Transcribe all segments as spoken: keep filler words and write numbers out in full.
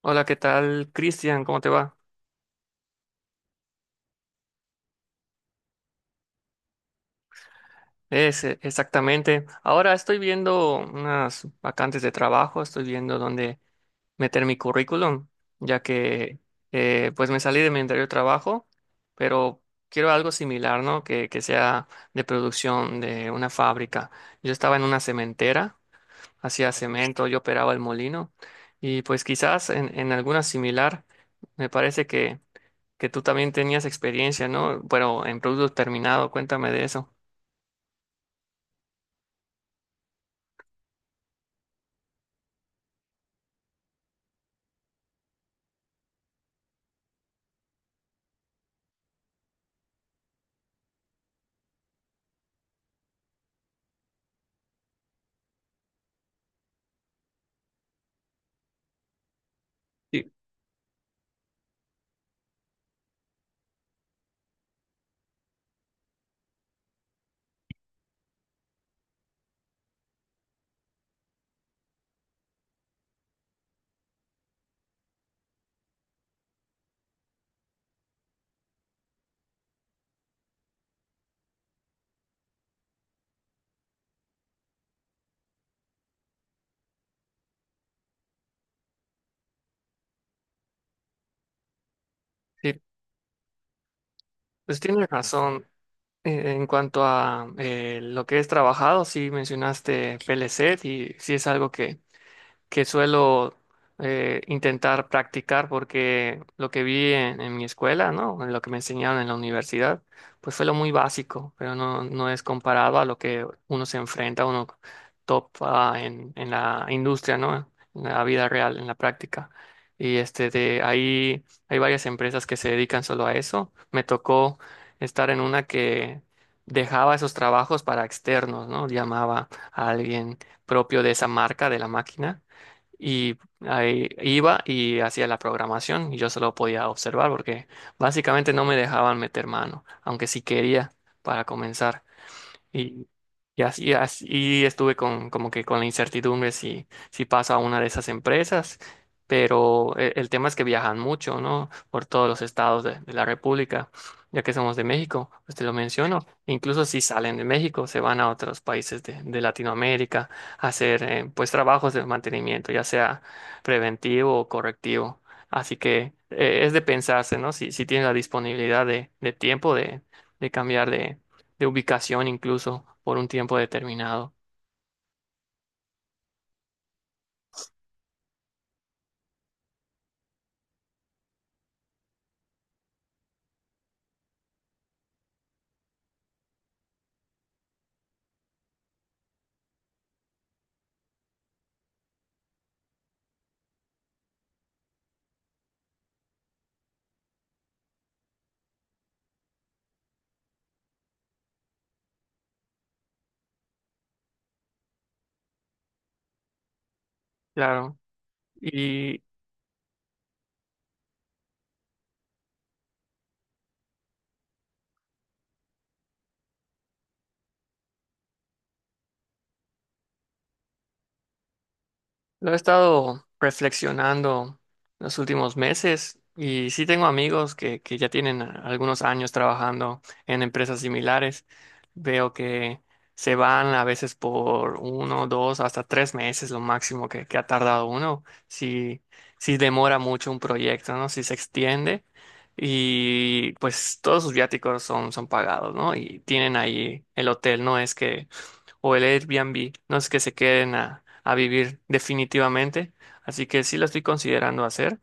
Hola, ¿qué tal, Cristian? ¿Cómo te va? Es eh, Exactamente. Ahora estoy viendo unas vacantes de trabajo, estoy viendo dónde meter mi currículum, ya que eh, pues me salí de mi anterior trabajo, pero quiero algo similar, ¿no? Que, que sea de producción de una fábrica. Yo estaba en una cementera, hacía cemento, yo operaba el molino y pues quizás en, en alguna similar, me parece que, que tú también tenías experiencia, ¿no? Pero en producto terminado, cuéntame de eso. Sí, sí, pues tienes razón. Eh, En cuanto a eh, lo que es trabajado, sí mencionaste P L C y sí es algo que, que suelo eh, intentar practicar porque lo que vi en, en mi escuela, ¿no? En lo que me enseñaron en la universidad, pues fue lo muy básico, pero no, no es comparado a lo que uno se enfrenta, uno topa en, en la industria, ¿no? En la vida real, en la práctica. Y este de ahí hay varias empresas que se dedican solo a eso. Me tocó estar en una que dejaba esos trabajos para externos, ¿no? Llamaba a alguien propio de esa marca, de la máquina, y ahí iba y hacía la programación, y yo solo podía observar porque básicamente no me dejaban meter mano, aunque sí quería, para comenzar. Y, y así, y así- Estuve con, como que con la incertidumbre, si, si paso a una de esas empresas, pero e- el, tema es que viajan mucho, ¿no? Por todos los estados de, de la República, ya que somos de México, pues te lo menciono. Incluso si salen de México, se van a otros países de, de Latinoamérica a hacer eh, pues trabajos de mantenimiento, ya sea preventivo o correctivo. Así que eh, es de pensarse, ¿no? Si, si tienes la disponibilidad de, de tiempo de, de cambiar de ubicación incluso por un tiempo determinado. Claro. Y, Lo he estado reflexionando los últimos meses y sí tengo amigos que, que ya tienen a- algunos años trabajando en empresas similares. Veo que se van a veces por uno, dos, hasta tres meses, lo máximo que, que ha tardado uno, si, si demora mucho un proyecto, ¿no? Si se extiende, y pues todos sus viáticos son, son pagados, ¿no? Y tienen ahí el hotel, no es que, o el Airbnb, no es que se queden a, a vivir definitivamente, así que sí lo estoy considerando hacer,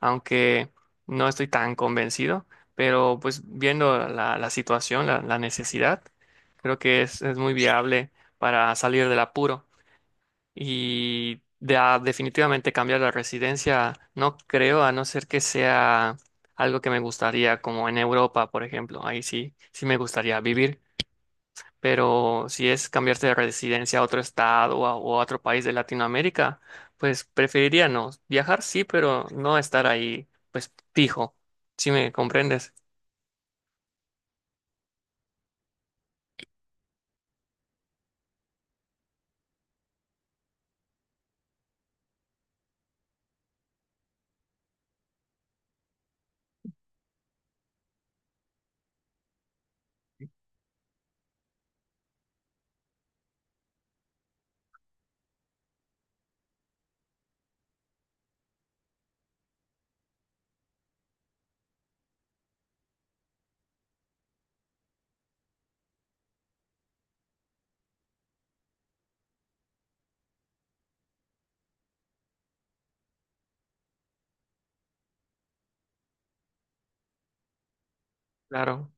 aunque no estoy tan convencido, pero pues viendo la, la situación, la, la necesidad, creo que es, es muy viable para salir del apuro y de, a definitivamente cambiar la residencia, no creo, a no ser que sea algo que me gustaría, como en Europa, por ejemplo. Ahí sí, sí me gustaría vivir, pero si es cambiarte de residencia a otro estado o a, o a otro país de Latinoamérica, pues preferiría no. Viajar sí, pero no estar ahí, pues fijo. ¿Si me comprendes? Claro.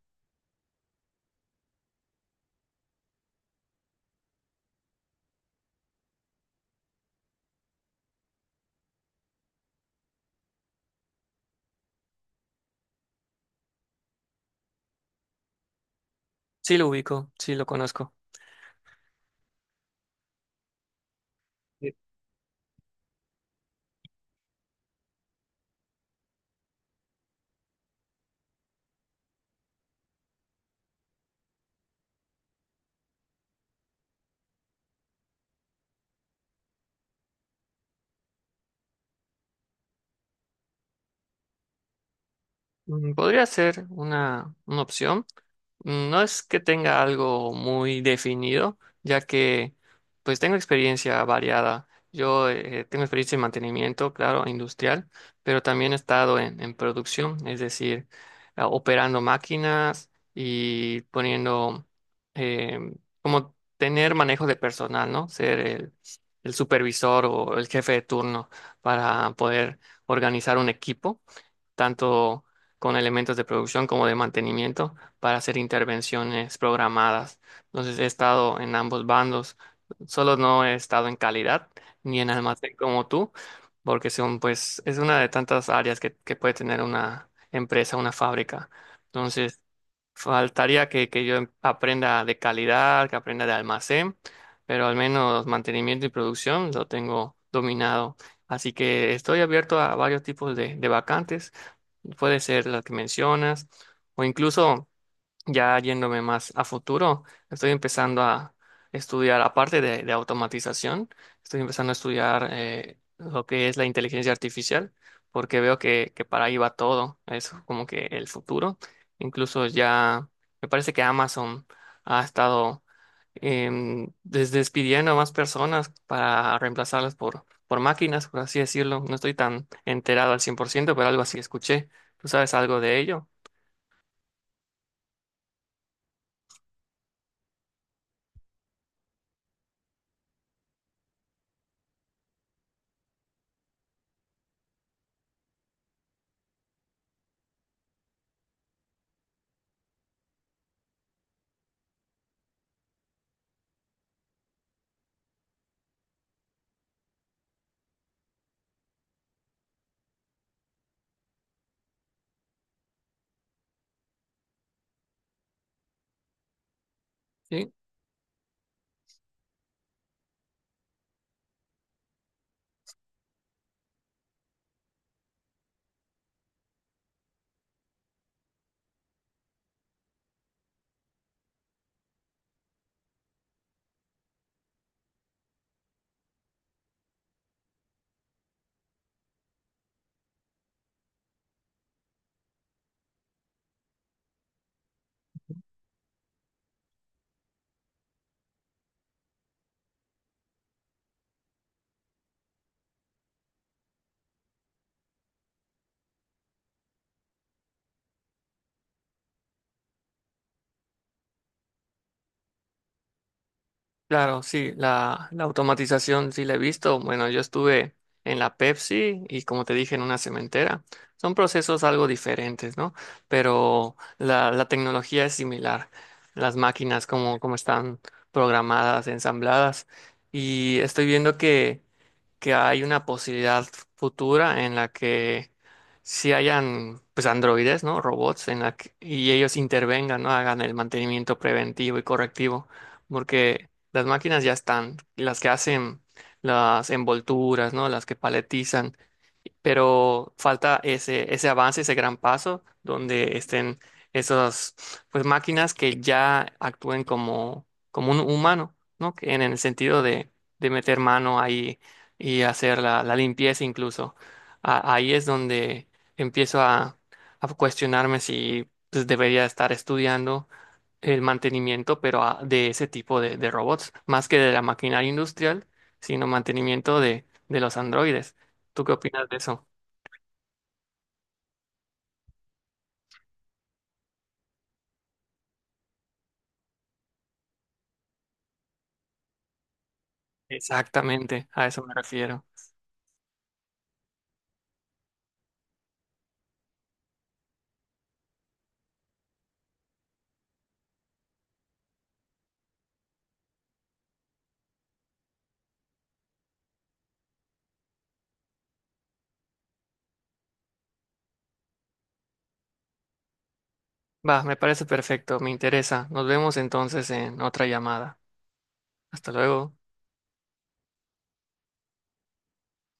Sí lo ubico, sí lo conozco. Mm, podría ser una, una opción. Mm, no es que tenga algo muy definido, ya que pues tengo experiencia variada. Yo eh, tengo experiencia en mantenimiento, claro, industrial, pero también he estado en, en producción, es decir, a- operando máquinas y poniendo, eh, como tener manejo de personal, ¿no? Ser el, el supervisor o el jefe de turno para poder organizar un equipo tanto con elementos de producción como de mantenimiento, para hacer intervenciones programadas. Entonces he estado en ambos bandos, solo no he estado en calidad ni en almacén como tú, porque son, pues, es una de tantas áreas que, que puede tener una empresa, una fábrica. Entonces, faltaría que, que yo aprenda de calidad, que aprenda de almacén, pero al menos mantenimiento y producción lo tengo dominado. Así que estoy abierto a varios tipos de, de vacantes. Puede ser la que mencionas, o incluso, ya yéndome más a futuro, estoy empezando a estudiar, aparte de, de automatización, estoy empezando a estudiar eh, lo que es la inteligencia artificial, porque veo que, que para ahí va todo, es como que el futuro. Incluso ya, me parece que Amazon ha estado em, des- despidiendo a más personas para reemplazarlas por, por máquinas, por así decirlo. No estoy tan enterado al cien por ciento, pero algo así escuché. ¿Tú sabes algo de ello? Sí. Claro, sí, la, la automatización sí la he visto. Bueno, yo estuve en la Pepsi y como te dije, en una cementera. Son procesos algo diferentes, ¿no? Pero la, la tecnología es similar. Las máquinas, como, como están programadas, ensambladas. Y estoy viendo que que hay una posibilidad futura en la que si hayan pues androides, ¿no? Robots en la que- y ellos intervengan, ¿no? Hagan el mantenimiento preventivo y correctivo, porque las máquinas ya están, las que hacen las envolturas, ¿no? Las que paletizan, pero falta ese, ese avance, ese gran paso, donde estén esas, pues, máquinas que ya actúen como, como un humano, ¿no? Que en el sentido de, de meter mano ahí y hacer la, la limpieza incluso. A- ahí es donde empiezo a, a cuestionarme si pues, debería estar estudiando el mantenimiento, pero a- de ese tipo de, de robots, más que de la maquinaria industrial, sino mantenimiento de, de los androides. ¿Tú qué opinas de eso? Exactamente, a eso me refiero. Va, me parece perfecto, me interesa. Nos vemos entonces en otra llamada. Hasta luego.